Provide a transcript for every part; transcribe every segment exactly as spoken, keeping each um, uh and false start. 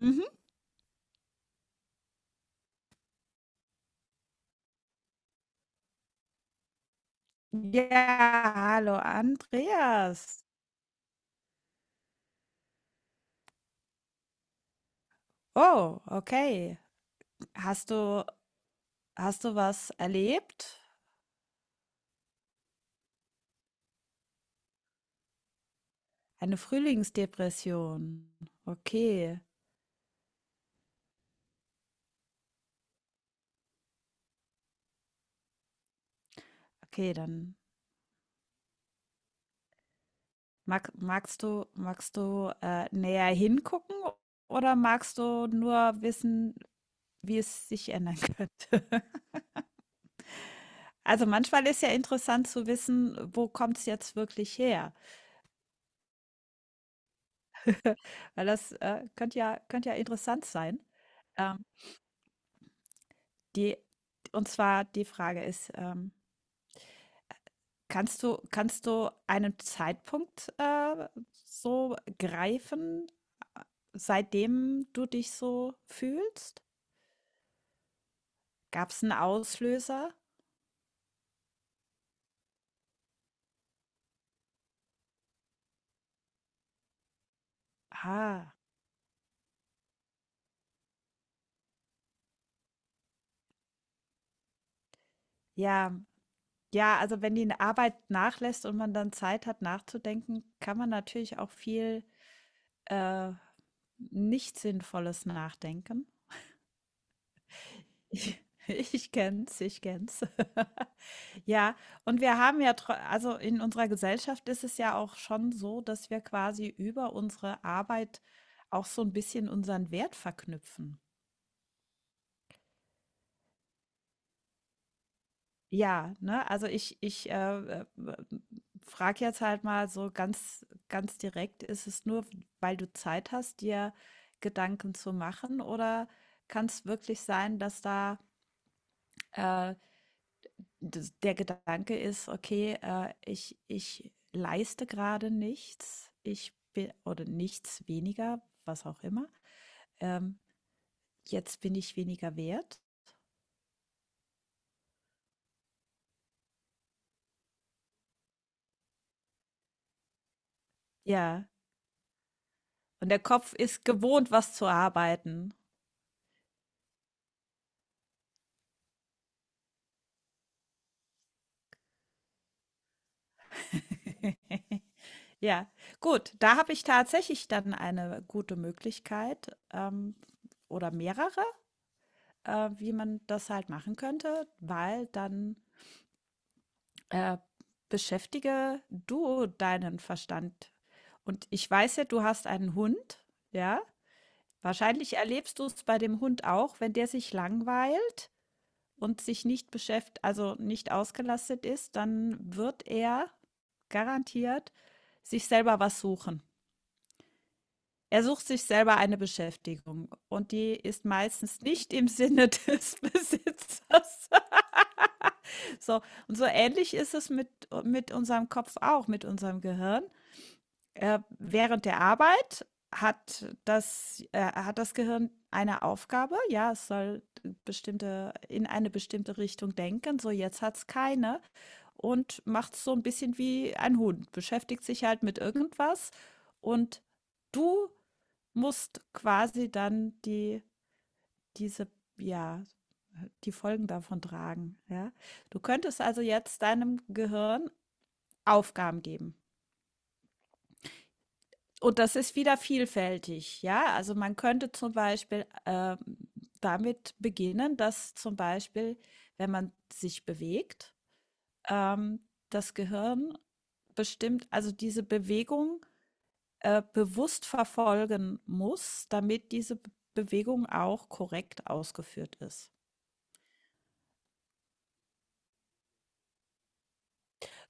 Mhm. Ja, hallo Andreas. Oh, okay. Hast du, hast du was erlebt? Eine Frühlingsdepression. Okay, okay, dann mag, magst du, magst du äh, näher hingucken oder magst du nur wissen, wie es sich ändern könnte? Also manchmal ist ja interessant zu wissen, wo kommt es jetzt wirklich her? Weil das äh, könnte ja, könnte ja interessant sein. Ähm, Die und zwar die Frage ist, ähm, kannst du kannst du einen Zeitpunkt, äh, so greifen, äh, seitdem du dich so fühlst? Gab es einen Auslöser? Ah, ja. Ja, also, wenn die Arbeit nachlässt und man dann Zeit hat, nachzudenken, kann man natürlich auch viel, äh, nicht Sinnvolles nachdenken. Ich kenne es, ich kenne Ja, und wir haben ja, tro also in unserer Gesellschaft ist es ja auch schon so, dass wir quasi über unsere Arbeit auch so ein bisschen unseren Wert verknüpfen. Ja, ne? Also ich ich, äh, äh, frage jetzt halt mal so ganz ganz direkt, ist es nur, weil du Zeit hast, dir Gedanken zu machen, oder kann es wirklich sein, dass da, äh, das der Gedanke ist: „Okay, äh, ich ich leiste gerade nichts. Ich bin oder nichts weniger, was auch immer. Ähm, jetzt bin ich weniger wert.“ Ja, und der Kopf ist gewohnt, was zu arbeiten. Ja, gut, da habe ich tatsächlich dann eine gute Möglichkeit, ähm, oder mehrere, äh, wie man das halt machen könnte, weil dann Äh, beschäftige du deinen Verstand. Und ich weiß ja, du hast einen Hund, ja? Wahrscheinlich erlebst du es bei dem Hund auch, wenn der sich langweilt und sich nicht beschäftigt, also nicht ausgelastet ist, dann wird er garantiert sich selber was suchen. Er sucht sich selber eine Beschäftigung und die ist meistens nicht im Sinne des Besitzers. So, und so ähnlich ist es mit, äh, mit unserem Kopf auch, mit unserem Gehirn. Äh, während der Arbeit hat das äh, hat das Gehirn eine Aufgabe. Ja, es soll bestimmte in eine bestimmte Richtung denken. So, jetzt hat es keine und macht's so ein bisschen wie ein Hund, beschäftigt sich halt mit irgendwas und du musst quasi dann die diese ja, die Folgen davon tragen, ja? Du könntest also jetzt deinem Gehirn Aufgaben geben. Und das ist wieder vielfältig, ja. Also man könnte zum Beispiel ähm, damit beginnen, dass zum Beispiel, wenn man sich bewegt, ähm, das Gehirn bestimmt, also diese Bewegung äh, bewusst verfolgen muss, damit diese Bewegung auch korrekt ausgeführt ist.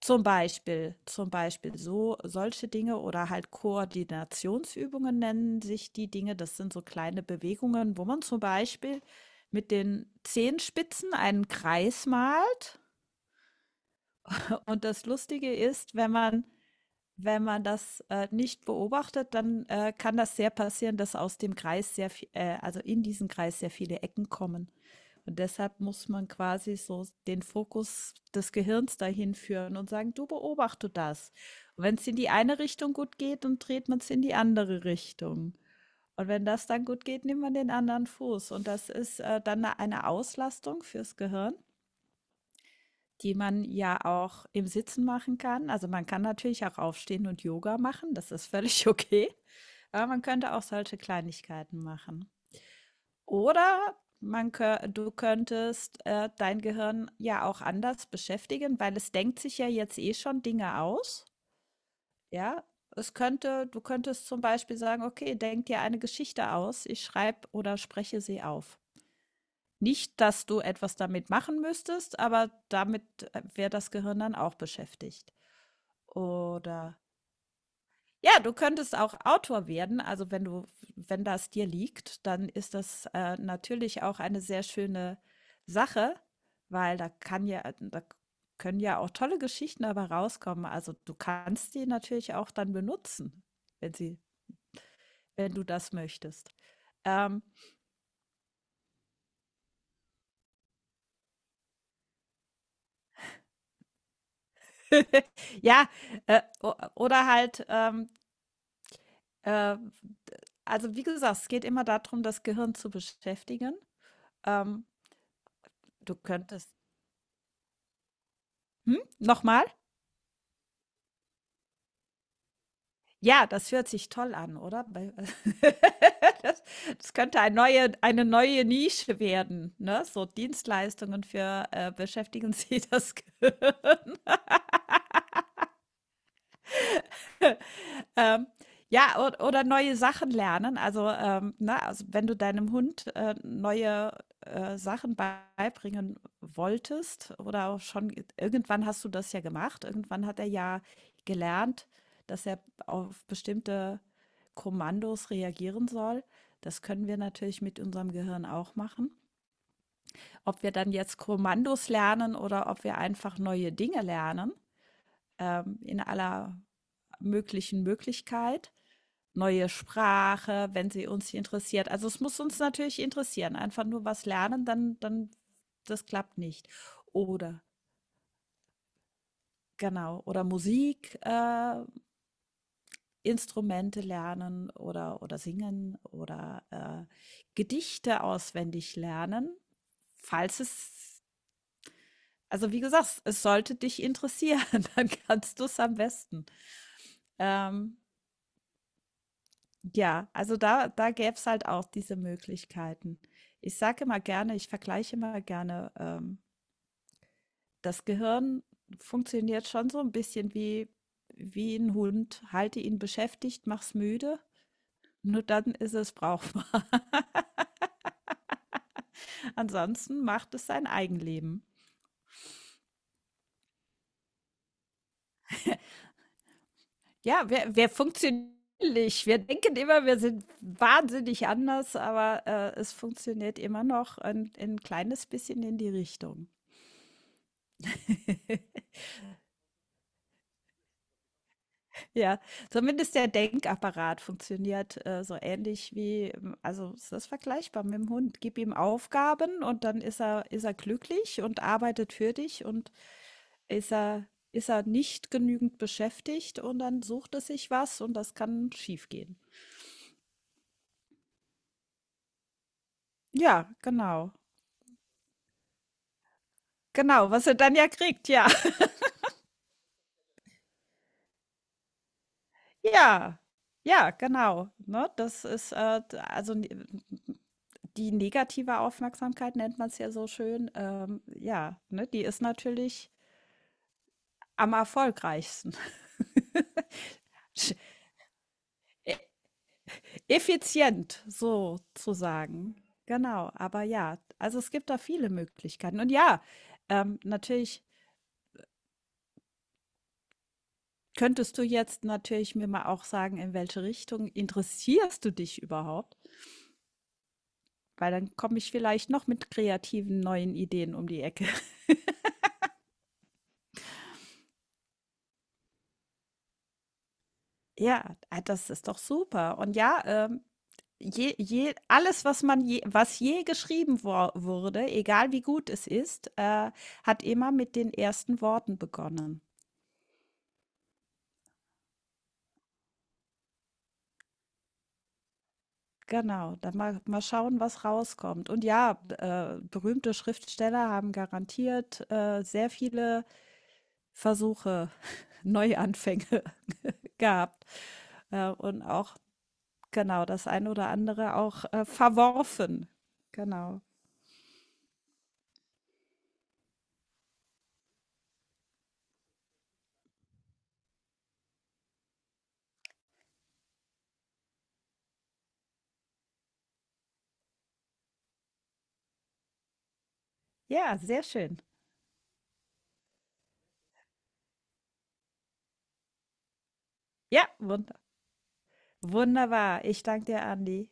Zum Beispiel, zum Beispiel so solche Dinge oder halt Koordinationsübungen nennen sich die Dinge. Das sind so kleine Bewegungen, wo man zum Beispiel mit den Zehenspitzen einen Kreis malt. Und das Lustige ist, wenn man wenn man das, äh, nicht beobachtet, dann, äh, kann das sehr passieren, dass aus dem Kreis sehr vie äh, also in diesen Kreis sehr viele Ecken kommen. Und deshalb muss man quasi so den Fokus des Gehirns dahin führen und sagen: „Du, beobachte das.“ Und wenn es in die eine Richtung gut geht, dann dreht man es in die andere Richtung. Und wenn das dann gut geht, nimmt man den anderen Fuß. Und das ist, äh, dann 'ne eine Auslastung fürs Gehirn, die man ja auch im Sitzen machen kann. Also man kann natürlich auch aufstehen und Yoga machen, das ist völlig okay. Aber man könnte auch solche Kleinigkeiten machen. Oder man, kö- du könntest äh, dein Gehirn ja auch anders beschäftigen, weil es denkt sich ja jetzt eh schon Dinge aus. Ja, es könnte, du könntest zum Beispiel sagen, okay, denk dir eine Geschichte aus, ich schreibe oder spreche sie auf. Nicht, dass du etwas damit machen müsstest, aber damit äh, wäre das Gehirn dann auch beschäftigt. Oder ja, du könntest auch Autor werden. Also wenn du, wenn das dir liegt, dann ist das äh, natürlich auch eine sehr schöne Sache, weil da kann ja, da können ja auch tolle Geschichten dabei rauskommen. Also du kannst die natürlich auch dann benutzen, wenn sie, wenn du das möchtest. Ähm, ja, äh, o- oder halt, ähm, Äh, also, wie gesagt, es geht immer darum, das Gehirn zu beschäftigen. Ähm, du könntest hm? Noch mal? Ja, das hört sich toll an, oder? Bei das das könnte eine neue eine neue Nische werden, ne? So Dienstleistungen für, äh, beschäftigen Sie das Gehirn. Ähm, ja, o- oder neue Sachen lernen. Also, ähm, na, also wenn du deinem Hund äh, neue äh, Sachen beibringen wolltest oder auch schon irgendwann hast du das ja gemacht, irgendwann hat er ja gelernt, dass er auf bestimmte Kommandos reagieren soll. Das können wir natürlich mit unserem Gehirn auch machen. Ob wir dann jetzt Kommandos lernen oder ob wir einfach neue Dinge lernen, ähm, in aller möglichen Möglichkeit. Neue Sprache, wenn sie uns interessiert. Also es muss uns natürlich interessieren. Einfach nur was lernen, dann, dann das klappt nicht. Oder genau, oder Musik, äh, Instrumente lernen oder, oder singen oder äh, Gedichte auswendig lernen, falls es, also wie gesagt, es sollte dich interessieren, dann kannst du es am besten. Ähm, Ja, also da da gäb's halt auch diese Möglichkeiten. Ich sage immer gerne ich vergleiche immer gerne, ähm, das Gehirn funktioniert schon so ein bisschen wie wie ein Hund. Halte ihn beschäftigt, mach's müde, nur dann ist es brauchbar. Ansonsten macht es sein Eigenleben. Ja, wir wir funktionieren nicht. Wir denken immer, wir sind wahnsinnig anders, aber, äh, es funktioniert immer noch ein ein kleines bisschen in die Richtung. Ja, zumindest der Denkapparat funktioniert, äh, so ähnlich wie, ähm, also es ist vergleichbar mit dem Hund. Gib ihm Aufgaben und dann ist er, ist er glücklich und arbeitet für dich und ist er, ist er nicht genügend beschäftigt und dann sucht er sich was und das kann schiefgehen. Ja, genau. Genau, was er dann ja kriegt, ja. Ja. Ja, genau. Ne, das ist äh, also n- die negative Aufmerksamkeit nennt man es ja so schön, ähm, ja, ne, die ist natürlich am erfolgreichsten. Effizient, so zu sagen. Genau, aber ja, also es gibt da viele Möglichkeiten. Und ja, ähm, natürlich könntest du jetzt natürlich mir mal auch sagen, in welche Richtung interessierst du dich überhaupt? Weil dann komme ich vielleicht noch mit kreativen neuen Ideen um die Ecke. Ja, ah, das ist doch super. Und ja, ähm, je je alles, was man je was je geschrieben wor wurde, egal wie gut es ist, äh, hat immer mit den ersten Worten begonnen. Genau, dann mal mal schauen, was rauskommt. Und ja, b äh, berühmte Schriftsteller haben garantiert, äh, sehr viele Versuche, Neuanfänge gehabt, äh, und auch genau, das eine oder andere auch, äh, verworfen. Genau. Ja, sehr schön. Ja, wunder wunderbar. Ich danke dir, Andi.